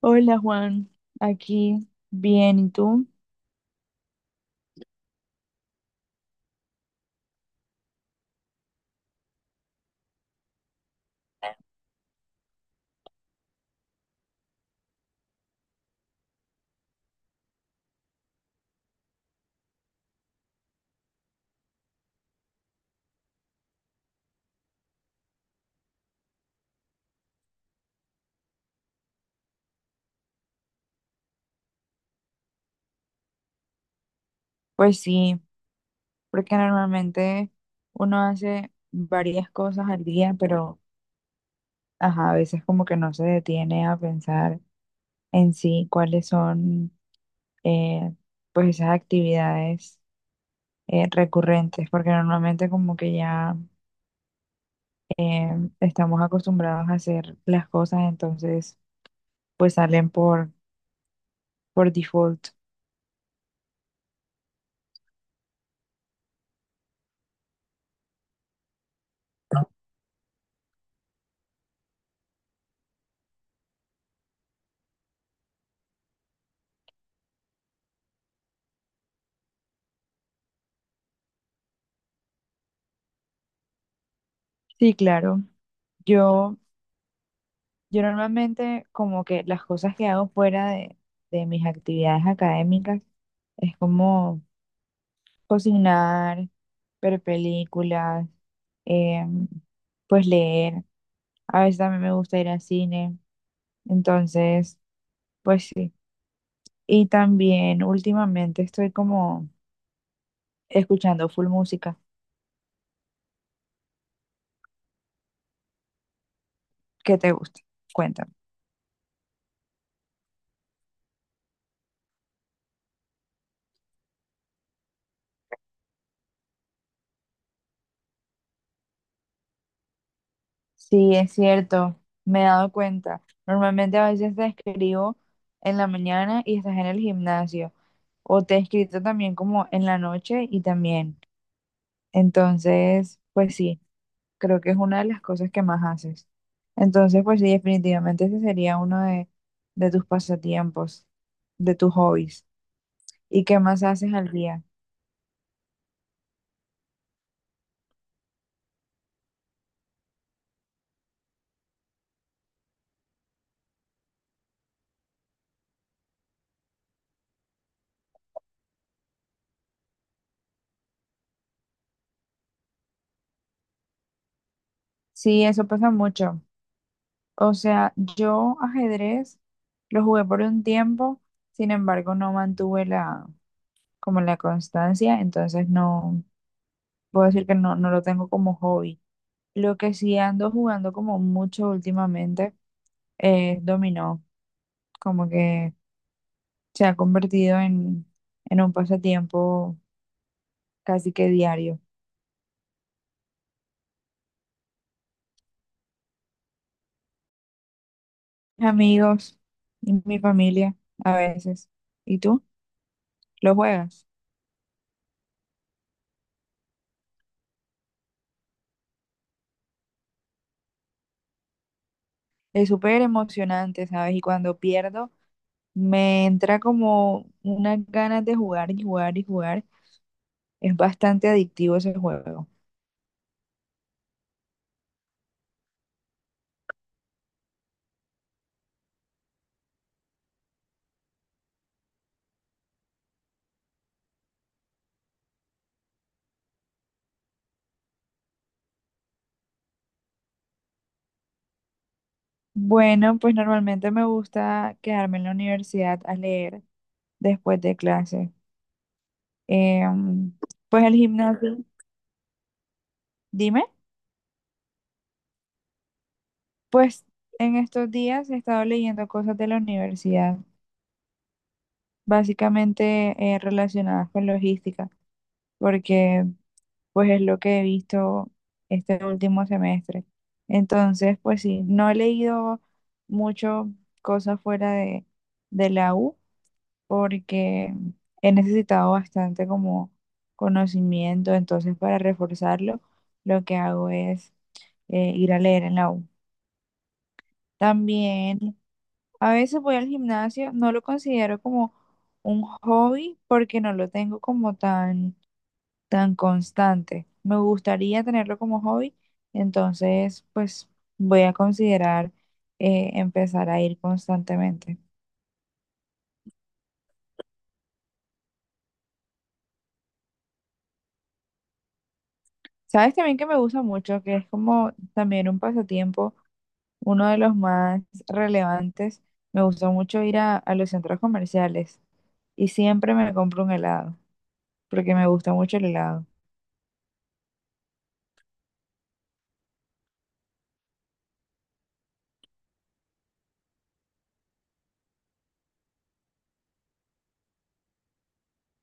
Hola Juan, aquí bien, ¿y tú? Pues sí, porque normalmente uno hace varias cosas al día, pero ajá, a veces como que no se detiene a pensar en sí cuáles son eh, pues esas actividades recurrentes, porque normalmente como que ya eh, estamos acostumbrados a hacer las cosas, entonces pues salen por default. Sí, claro. Yo Yo normalmente como que las cosas que hago fuera de mis actividades académicas es como cocinar, ver películas, em, pues leer. A veces también me gusta ir al cine. Entonces, pues sí. Y también últimamente estoy como escuchando full música. ¿Qué te gusta? Cuéntame. Sí, es cierto, me he dado cuenta. Normalmente a veces te escribo en la mañana y estás en el gimnasio, o te he escrito también como en la noche y también. Entonces, pues sí, creo que es una de las cosas que más haces. Entonces, pues sí, definitivamente ese sería uno de tus pasatiempos, de tus hobbies. ¿Y qué más haces al día? Sí, eso pasa mucho. O sea, yo ajedrez lo jugué por un tiempo, sin embargo, no mantuve como la constancia, entonces no puedo decir que no, no lo tengo como hobby. Lo que sí ando jugando como mucho últimamente es dominó, como que se ha convertido en un pasatiempo casi que diario. Amigos y mi familia a veces. ¿Y tú? ¿Lo juegas? Es súper emocionante, ¿sabes? Y cuando pierdo, me entra como unas ganas de jugar y jugar y jugar. Es bastante adictivo ese juego. Bueno, pues normalmente me gusta quedarme en la universidad a leer después de clase. Em, pues el gimnasio, dime, pues en estos días he estado leyendo cosas de la universidad, básicamente relacionadas con logística, porque pues es lo que he visto este último semestre. Entonces, pues sí, no he leído mucho cosas fuera de la U porque he necesitado bastante como conocimiento, entonces para reforzarlo, lo que hago es ir a leer en la U. También a veces voy al gimnasio, no lo considero como un hobby porque no lo tengo como tan tan constante. Me gustaría tenerlo como hobby, entonces pues voy a considerar empezar a ir constantemente. Sabes también que me gusta mucho, que es como también un pasatiempo, uno de los más relevantes. Me gusta mucho ir a los centros comerciales y siempre me compro un helado, porque me gusta mucho el helado.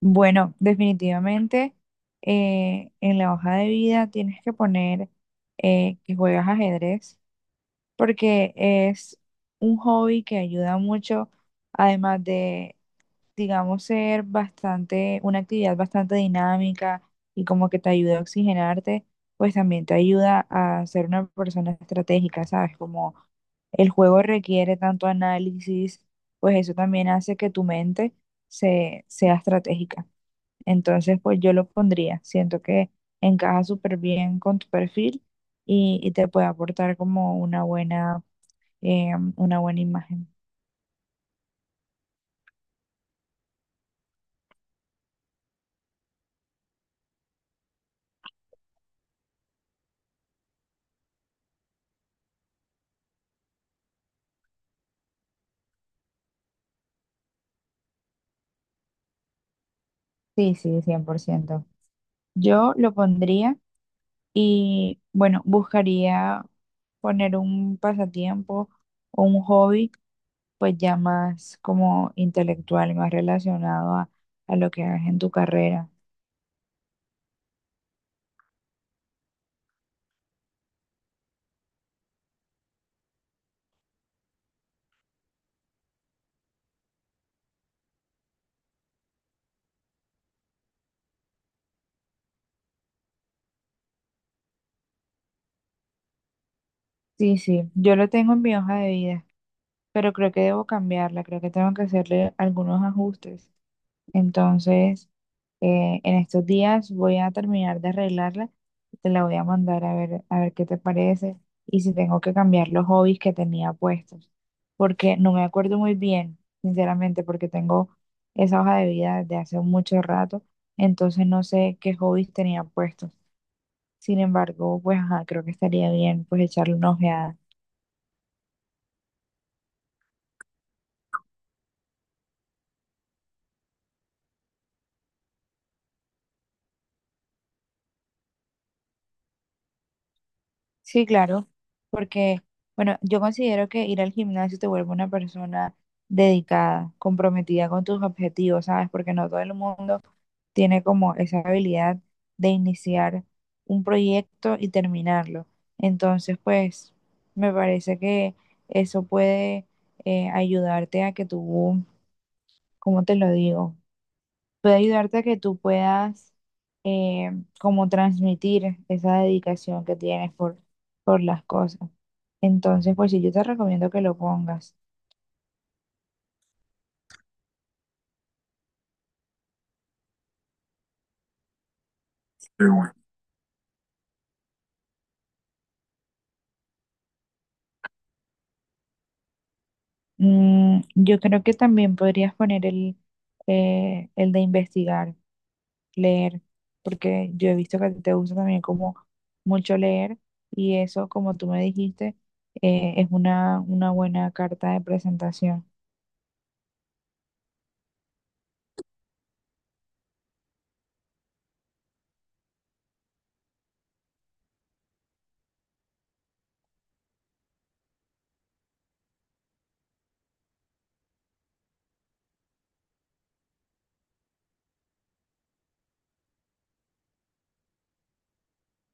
Bueno, definitivamente en la hoja de vida tienes que poner que juegas ajedrez porque es un hobby que ayuda mucho, además de, digamos, ser bastante, una actividad bastante dinámica y como que te ayuda a oxigenarte, pues también te ayuda a ser una persona estratégica, ¿sabes? Como el juego requiere tanto análisis, pues eso también hace que tu mente sea estratégica. Entonces, pues yo lo pondría, siento que encaja súper bien con tu perfil y te puede aportar como una buena imagen. Sí, sí, cien por ciento. Yo lo pondría y, bueno, buscaría poner un pasatiempo o un hobby, pues ya más como intelectual, más relacionado a lo que hagas en tu carrera. Sí, sí, yo lo tengo en mi hoja de vida, pero creo que debo cambiarla, creo que tengo que hacerle algunos ajustes. Entonces, en estos días voy a terminar de arreglarla. Te la voy a mandar a ver qué te parece y si tengo que cambiar los hobbies que tenía puestos. Porque no me acuerdo muy bien, sinceramente, porque tengo esa hoja de vida desde hace mucho rato. Entonces no sé qué hobbies tenía puestos. Sin embargo, pues ajá, creo que estaría bien pues echarle una ojeada. Sí, claro, porque, bueno, yo considero que ir al gimnasio te vuelve una persona dedicada, comprometida con tus objetivos, ¿sabes? Porque no todo el mundo tiene como esa habilidad de iniciar un proyecto y terminarlo. Entonces, pues, me parece que eso puede ayudarte a que tú, ¿cómo te lo digo? Puede ayudarte a que tú puedas eh, como transmitir esa dedicación que tienes por las cosas. Entonces, pues sí, yo te recomiendo que lo pongas. Yo creo que también podrías poner el de investigar, leer, porque yo he visto que te gusta también como mucho leer y eso, como tú me dijiste, es una buena carta de presentación.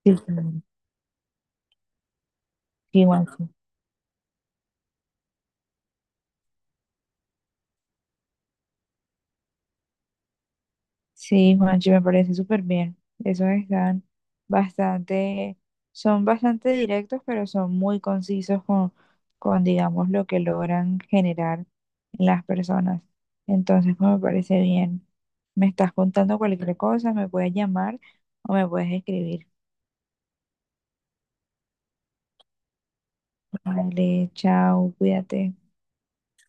Sí, sí, igual. Sí, Juanchi, me parece súper bien. Esos están bastante, son bastante directos, pero son muy concisos con, digamos, lo que logran generar en las personas. Entonces, pues, me parece bien. Me estás contando cualquier cosa, me puedes llamar o me puedes escribir. Vale, chao, cuídate.